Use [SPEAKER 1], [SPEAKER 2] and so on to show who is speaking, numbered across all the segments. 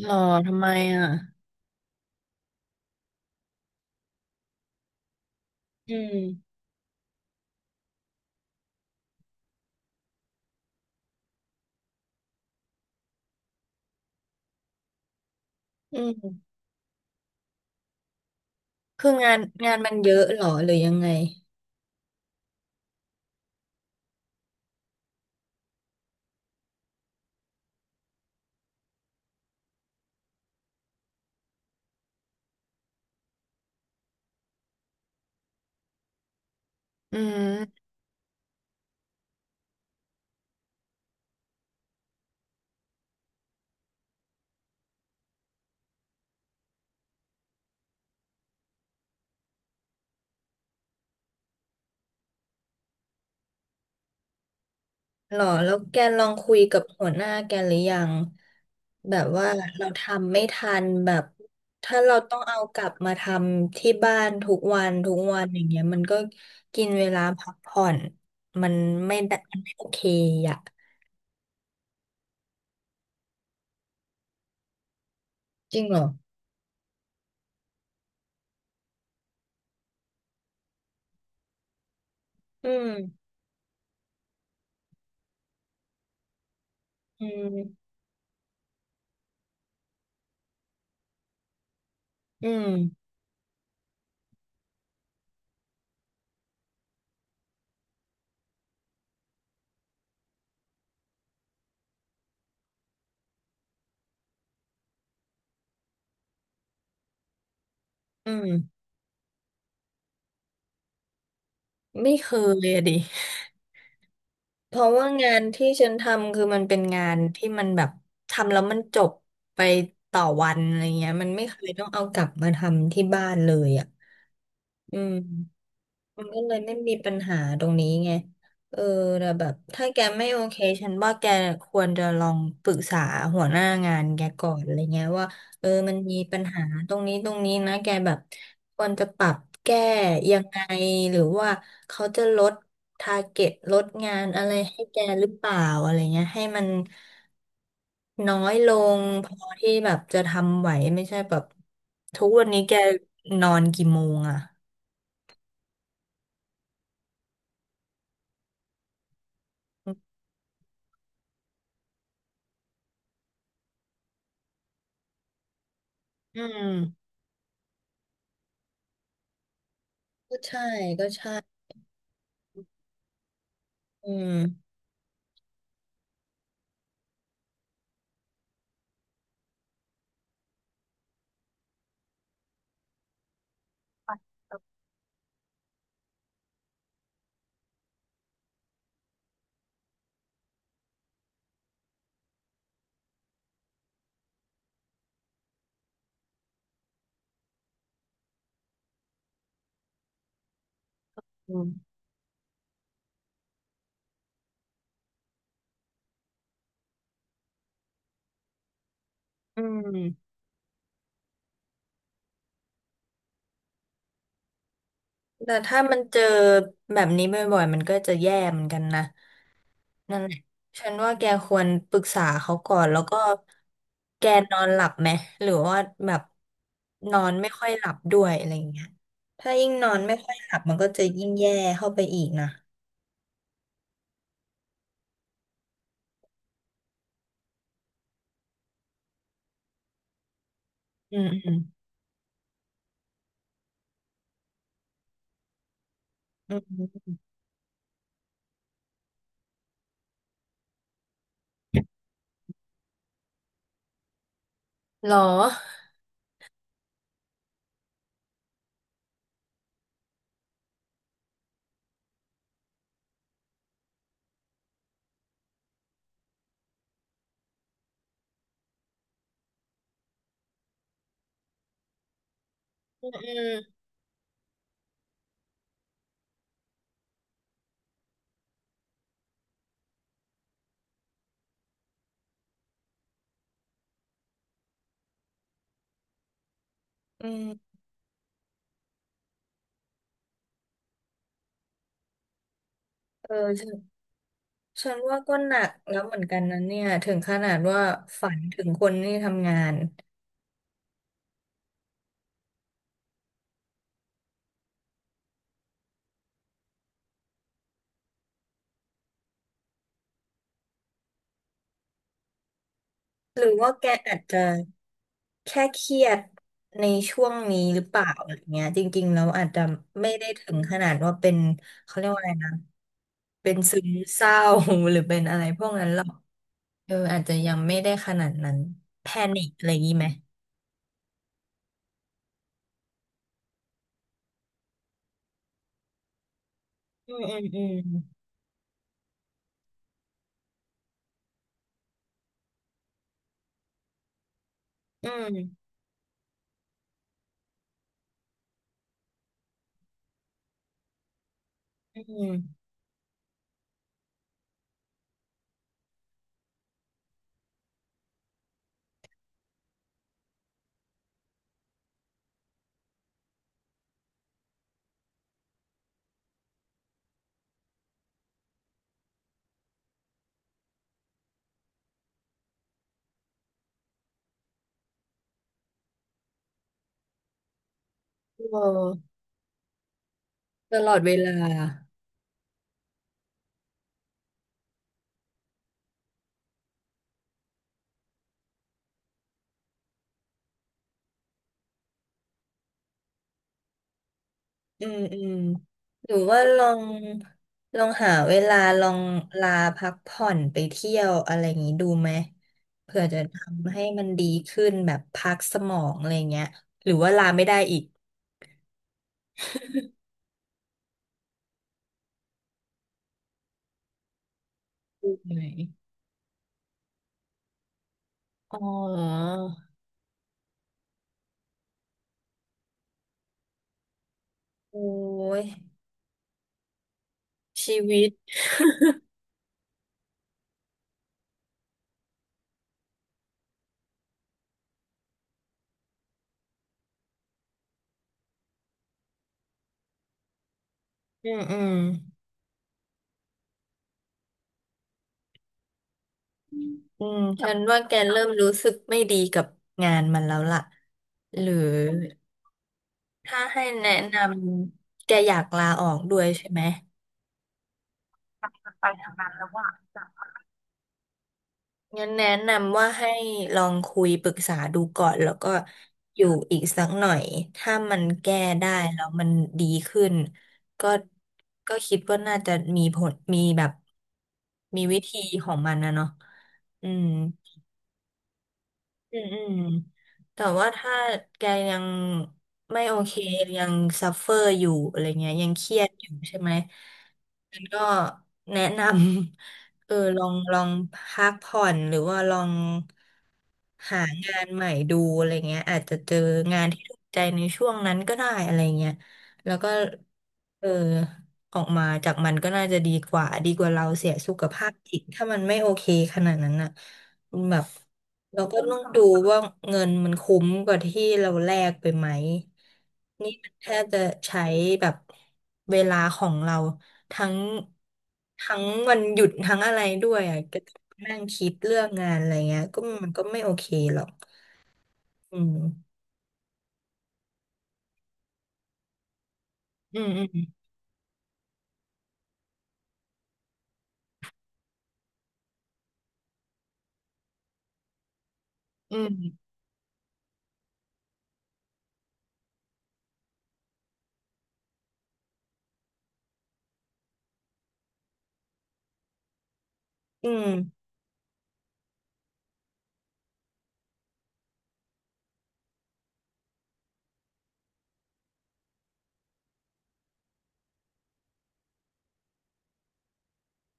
[SPEAKER 1] หรอทำไมอ่ะอืมอืมคืองานมันเยอะหรอหรือยังไงอืมหรอแล้วแกลองคุยกับหัวหน้าแกหรือยัง แบบว่าเราทำไม่ทันแบบถ้าเราต้องเอากลับมาทำที่บ้านทุกวันอย่างเงี้ยมันก็กินเวลาพักผ่อนมันมันไม่โอเคอ่ะจริงเหรอ อืมอืมอืมอืมไม่เคยอะดิ เพราะว่างานที่ฉันทำคือมันเป็นงานที่มันแบบทำแล้วมันจบไปต่อวันอะไรเงี้ยมันไม่เคยต้องเอากลับมาทำที่บ้านเลยอ่ะอืม มันก็เลยไม่มีปัญหาตรงนี้ไงเออแต่แบบถ้าแกไม่โอเคฉันว่าแกควรจะลองปรึกษาหัวหน้างานแกก่อนอะไรเงี้ยว่าเออมันมีปัญหาตรงนี้นะแกแบบควรจะปรับแก้ยังไงหรือว่าเขาจะลดทาร์เก็ตลดงานอะไรให้แกหรือเปล่าอะไรเงี้ยให้มันน้อยลงพอที่แบบจะทำไหวไม่ใช่แบบทุกวันนี้แกนอนกี่โมงอะอืม ก็ใช่ก็ใช่อืมอืมอืมแต่ถ้ามันเจอแบบนี้บ่อยๆมันก็จะแย่เหมือนกันนะนั่นแหละฉันว่าแกควรปรึกษาเขาก่อนแล้วก็แกนอนหลับไหมหรือว่าแบบนอนไม่ค่อยหลับด้วยอะไรอย่างเงี้ยถ้ายิ่งนอนไม่ค่อยหลับมันก็จะยิ่งแย่เข้าไปอีกนะอืมอืมอืมหรออืมอืมอืมเออใช่ ฉันว่าก็หนักแล้วเหมือนกันนะเนี่ยถึงขนาดว่าฝันถึงคนที่ทำงานหรือว่าแกอาจจะแค่เครียดในช่วงนี้หรือเปล่าอะไรเงี้ยจริงๆแล้วอาจจะไม่ได้ถึงขนาดว่าเป็นเขาเรียกว่าอะไรนะเป็นซึมเศร้า หรือเป็นอะไรพวกนั้นหรอกเอออาจจะยังไม่ได้ขนาดนั้นแพนิคอะไรอย่างงี้ไหมอืมอืมอืมอืมอืมเออตลอดเวลา อืมอืมหรือว่าลองหาเวลาลองลาพักผ่อนไปเที่ยวอะไรอย่างนี้ดูไหมเผื่อจะทำให้มันดีขึ้นแบบพักสมองอะไรเงี้ยหรือว่าลาไม่ได้อีกดูไหมอ๋อโอ้ยชีวิต อืมอืมอืมฉันว่าแกเริ่มรู้สึกไม่ดีกับงานมันแล้วล่ะหรือถ้าให้แนะนำแกอยากลาออกด้วยใช่ไหม ไปทางนั้นแล้วว่าจะงั้นแนะนำว่าให้ลองคุยปรึกษาดูก่อนแล้วก็อยู่อีกสักหน่อย ถ้ามันแก้ได้แล้วมันดีขึ้นก็คิดว่าน่าจะมีผลมีแบบมีวิธีของมันนะเนาะอืม อืมอืมแต่ว่าถ้าแกยังไม่โอเคยังซัฟเฟอร์อยู่อะไรเงี้ยยังเครียดอยู่ใช่ไหมมันก็แนะนำ เออลองพักผ่อนหรือว่าลองหางานใหม่ดูอะไรเงี้ยอาจจะเจองานที่ถูกใจในช่วงนั้นก็ได้อะไรเงี้ยแล้วก็เออออกมาจากมันก็น่าจะดีกว่าดีกว่าเราเสียสุขภาพจิตถ้ามันไม่โอเคขนาดนั้นน่ะแบบ เราก็ต้องดูว่าเงินมันคุ้มกว่าที่เราแลกไปไหมนี่มันแทบจะใช้แบบเวลาของเราทั้งทั้งวันหยุดทั้งอะไรด้วยอ่ะก็นั่งคิดเรื่องงานอะไรเงี้ยก็มันก็ไม่โอเคหรอกอืมอืมอืมอืมอืม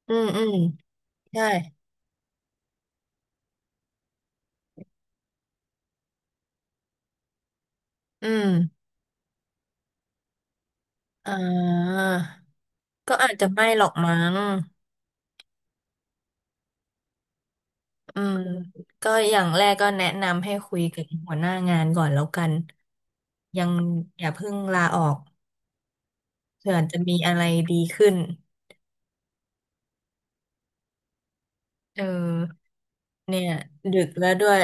[SPEAKER 1] อืมใช่อืมอ่าก็อาจจะไม่หรอกมั้ง อืมก็อย่างแรกก็แนะนำให้คุยกับหัวหน้างานก่อนแล้วกันยังอย่าเพิ่งลาออกเผื่อจะมีอะไรดีขึ้นเออเนี่ยดึกแล้วด้วย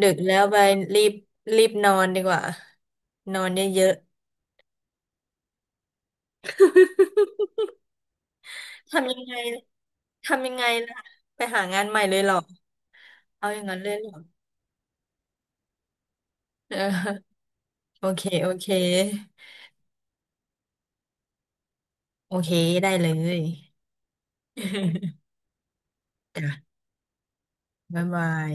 [SPEAKER 1] ดึกแล้วไปรีบรีบนอนดีกว่านอนเยอะๆ ทำยังไงทำยังไงล่ะไปหางานใหม่เลยเหรอเอาอย่างนั้นเลยเหรอเออโอเคโอเคได้เลย จ้ะบ๊ายบาย